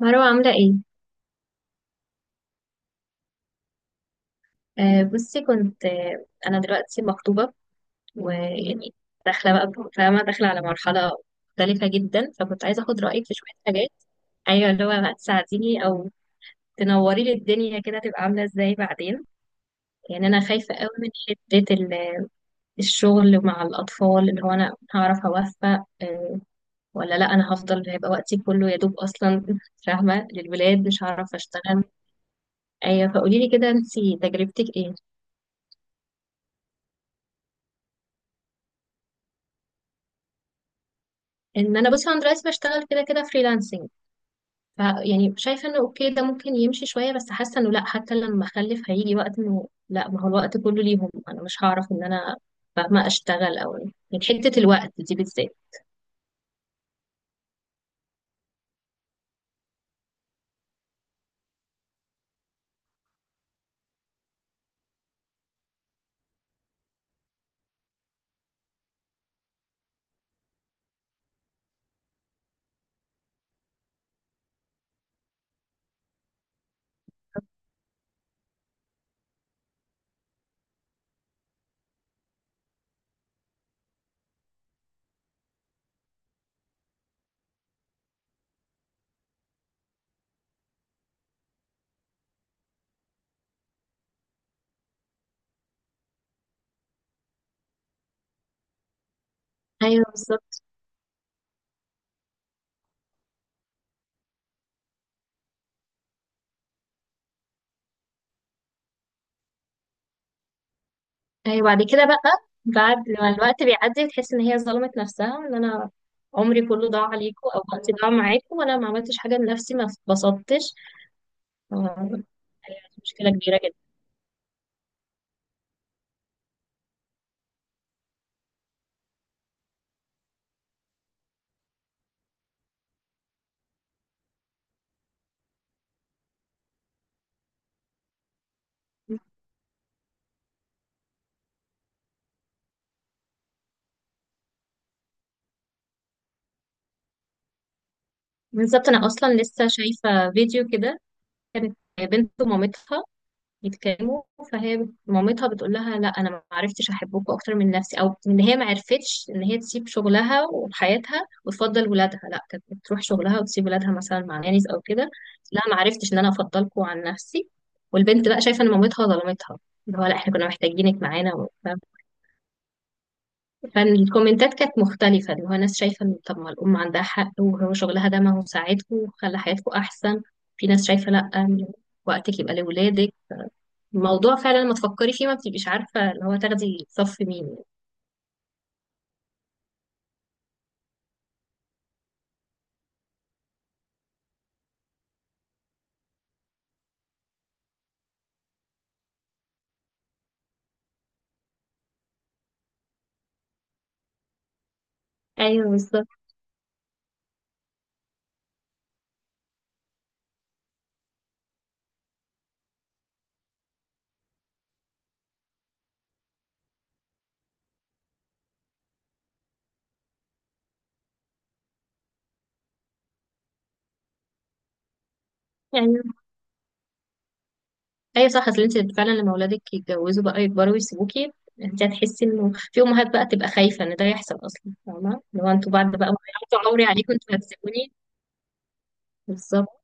مروة عاملة ايه؟ آه، بصي، كنت آه انا دلوقتي مخطوبة. ويعني داخلة بقى، فاهمة، داخلة على مرحلة مختلفة جدا، فكنت عايزة اخد رأيك في شوية حاجات. ايوه، اللي هو بقى تساعديني او تنوري لي الدنيا كده تبقى عاملة ازاي بعدين. يعني انا خايفة قوي من حتة الشغل مع الاطفال، اللي هو انا هعرف اوفق ولا لا. انا هفضل، هيبقى وقتي كله يا دوب اصلا فاهمة للولاد، مش هعرف اشتغل. ايوه، فقولي لي كده، انتي تجربتك ايه؟ ان انا، بصي، انا دلوقتي بشتغل كده كده فريلانسنج. ف، يعني شايفه انه اوكي، ده ممكن يمشي شويه، بس حاسه انه لا، حتى لما اخلف هيجي وقت انه لا، ما هو الوقت كله ليهم، انا مش هعرف ان انا فاهمه اشتغل، او يعني حته الوقت دي بالذات. ايوه، بالظبط. ايوه، بعد كده بقى، بعد ما الوقت بيعدي بتحس ان هي ظلمت نفسها، ان انا عمري كله ضاع عليكم، او وقتي ضاع معاكم، وانا ما عملتش حاجه لنفسي، ما اتبسطتش. ف- مشكله كبيره جدا. بالظبط، انا اصلا لسه شايفه فيديو كده، كانت بنت مامتها يتكلموا. فهي مامتها بتقول لها: لا، انا ما عرفتش احبكم اكتر من نفسي، او ان هي ما عرفتش ان هي تسيب شغلها وحياتها وتفضل ولادها. لا، كانت بتروح شغلها وتسيب ولادها مثلا مع نانيز او كده. لا، ما عرفتش ان انا افضلكم عن نفسي. والبنت بقى شايفه ان مامتها ظلمتها، اللي هو لا، احنا كنا محتاجينك معانا فالكومنتات كانت مختلفه، اللي هو ناس شايفه ان طب ما الام عندها حق، وهو شغلها ده ما هو ساعدكم وخلى حياتكم احسن. في ناس شايفه لا، وقتك يبقى لولادك. الموضوع فعلا لما تفكري فيه ما بتبقيش عارفة اللي هو تاخدي صف مين يعني. ايوه، بالظبط. ايوه. ايوه، صح. اصل انت فعلا لما اولادك يتجوزوا بقى يكبروا ويسيبوكي، انت هتحسي انه في امهات بقى تبقى خايفة ان ده يحصل اصلا، فاهمة، لو انتوا بعد بقى ما هيعطوا عمري عليكم انتوا هتسيبوني. بالظبط.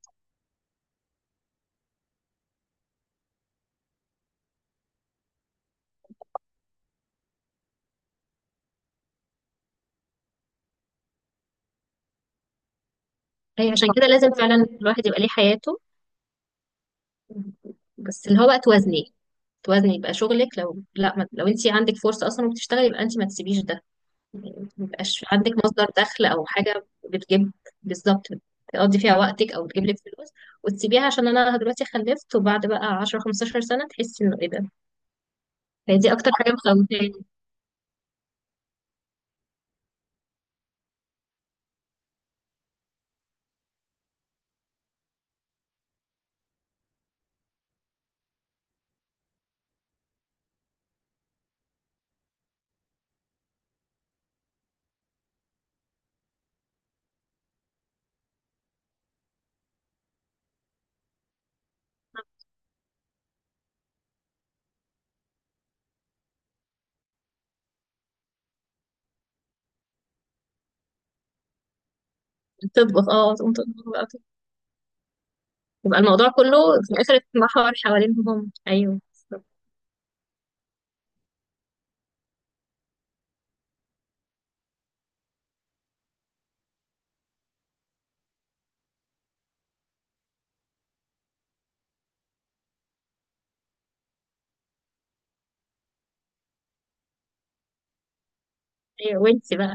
ايوه، عشان كده لازم فعلا الواحد يبقى ليه حياته. بس اللي هو بقى توازني، يبقى شغلك لو لا ما، لو انت عندك فرصة اصلا وبتشتغلي، يبقى انت ما تسيبيش ده. ميبقاش عندك مصدر دخل او حاجه بتجيب. بالظبط، تقضي فيها وقتك او تجيب لك فلوس، وتسيبيها عشان انا دلوقتي خلفت، وبعد بقى 10 15 سنه تحسي انه ايه ده. هي دي اكتر حاجه مخوفاني. تطبخ اه تقوم تطبخ بقى. يبقى الموضوع كله في الاخر اتمحور حوالينهم هم. ايوه، بالظبط. ايوه، وانتي بقى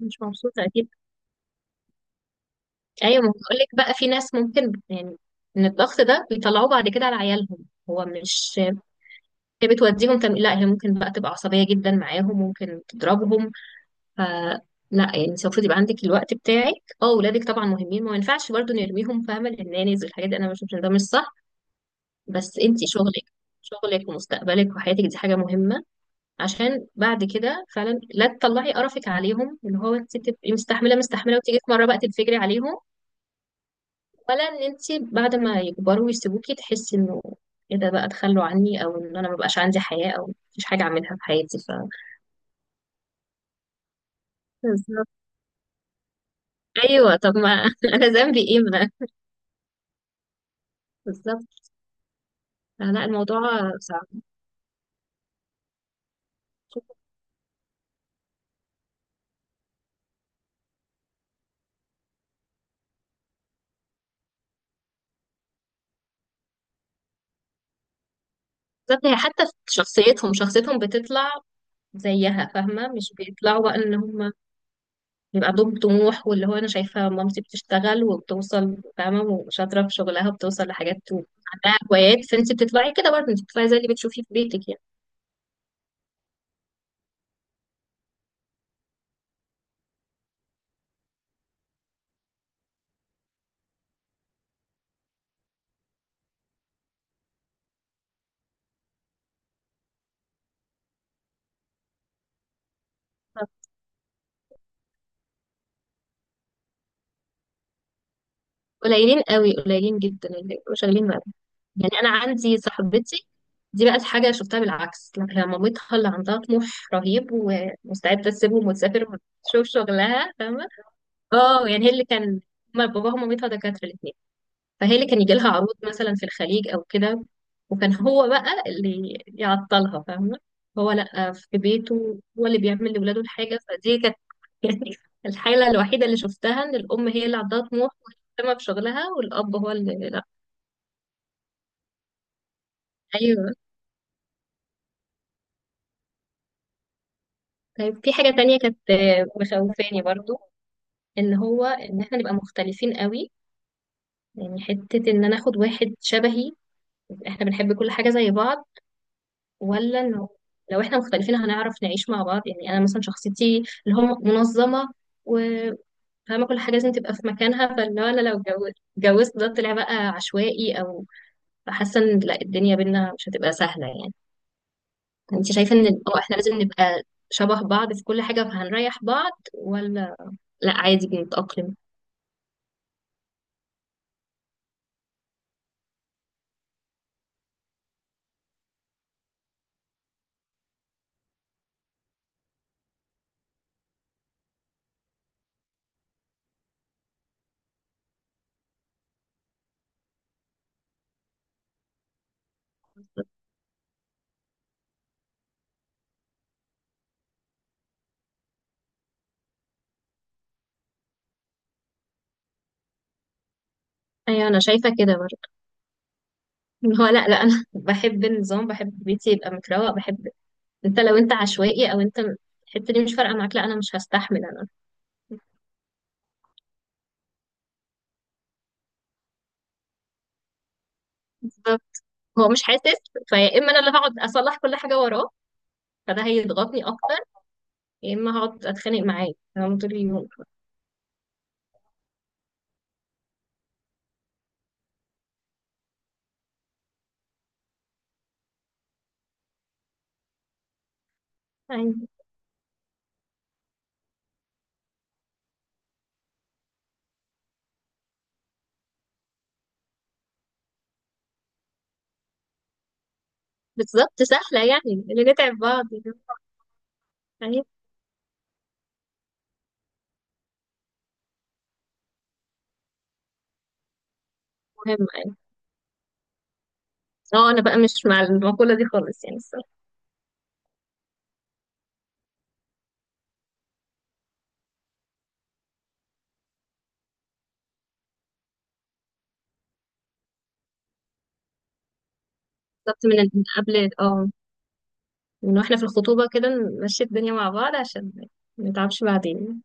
مش مبسوطه اكيد. ايوه، ما بقول لك بقى في ناس ممكن يعني ان الضغط ده بيطلعوه بعد كده على عيالهم. هو مش، هي بتوديهم لا، هي ممكن بقى تبقى عصبية جدا معاهم، ممكن تضربهم. ف لا، يعني انت المفروض يبقى عندك الوقت بتاعك. اه، ولادك طبعا مهمين، ما ينفعش برضو نرميهم فاهمه للنانيز والحاجات دي، انا بشوف ان ده مش صح. بس انت شغلك ومستقبلك وحياتك دي حاجه مهمه. عشان بعد كده فعلا لا تطلعي قرفك عليهم، اللي هو انت تبقي مستحمله مستحمله وتيجي في مره بقى تنفجري عليهم. ولا ان انت بعد ما يكبروا ويسيبوكي تحسي انه ايه ده بقى تخلوا عني، او ان انا ما بقاش عندي حياه، او مفيش حاجه اعملها في حياتي، ف. بالظبط. ايوه، طب ما انا ذنبي ايه، ما أنا- بالظبط. آه، لا الموضوع صعب. بالذات هي حتى في شخصيتهم بتطلع زيها، فاهمة، مش بيطلعوا بقى ان هم بيبقى عندهم طموح. واللي هو انا شايفة مامتي بتشتغل وبتوصل، فاهمة، وشاطرة في شغلها وبتوصل لحاجات وعندها هوايات. فانت بتطلعي كده برضه، انت بتطلعي زي اللي بتشوفيه في بيتك يعني. قليلين قوي، قليلين جدا اللي بيبقوا شغالين بقى. يعني انا عندي صاحبتي دي، بقت حاجة شفتها بالعكس، لا، هي مامتها اللي عندها طموح رهيب، ومستعدة تسيبهم وتسافر وتشوف شغلها، فاهمة. اه، يعني هي اللي كان، هما باباها ومامتها دكاترة الاتنين. فهي اللي كان يجي لها عروض مثلا في الخليج او كده، وكان هو بقى اللي يعطلها، فاهمة. هو لأ، في بيته هو اللي بيعمل لولاده الحاجة، فدي كانت يعني الحالة الوحيدة اللي شفتها ان الأم هي اللي عندها طموح ومهتمة بشغلها، والأب هو اللي لأ. أيوه. طيب، في حاجة تانية كانت مخوفاني برضو، ان احنا نبقى مختلفين قوي. يعني حتة ان انا اخد واحد شبهي، احنا بنحب كل حاجة زي بعض، ولا انه لو احنا مختلفين هنعرف نعيش مع بعض. يعني انا مثلا شخصيتي اللي هو منظمه وفاهمه كل حاجه لازم تبقى في مكانها، فاللي هو انا لو اتجوزت، ده طلع بقى عشوائي، او حاسه ان لا الدنيا بينا مش هتبقى سهله يعني. انت شايفه ان احنا لازم نبقى شبه بعض في كل حاجه فهنريح بعض، ولا لا، عادي بنتاقلم؟ ايوه، انا شايفه كده برضه. اللي هو لا لا، انا بحب النظام، بحب بيتي يبقى متروق، بحب. انت لو انت عشوائي او انت الحته دي مش فارقه معاك، لا انا مش هستحمل، انا. بالظبط. هو مش حاسس فيا، اما انا اللي هقعد اصلح كل حاجه وراه، فده هيضغطني اكتر، يا اما هقعد اتخانق معاه تمام طول اليوم. يعني بالظبط. سهله يعني، اللي نتعب بعض، يعني مهم يعني. اه، انا بقى مش مع المقوله دي خالص يعني، الصراحه. بالظبط، من قبل، من واحنا في الخطوبه كده، نمشي الدنيا مع بعض عشان ما نتعبش بعدين.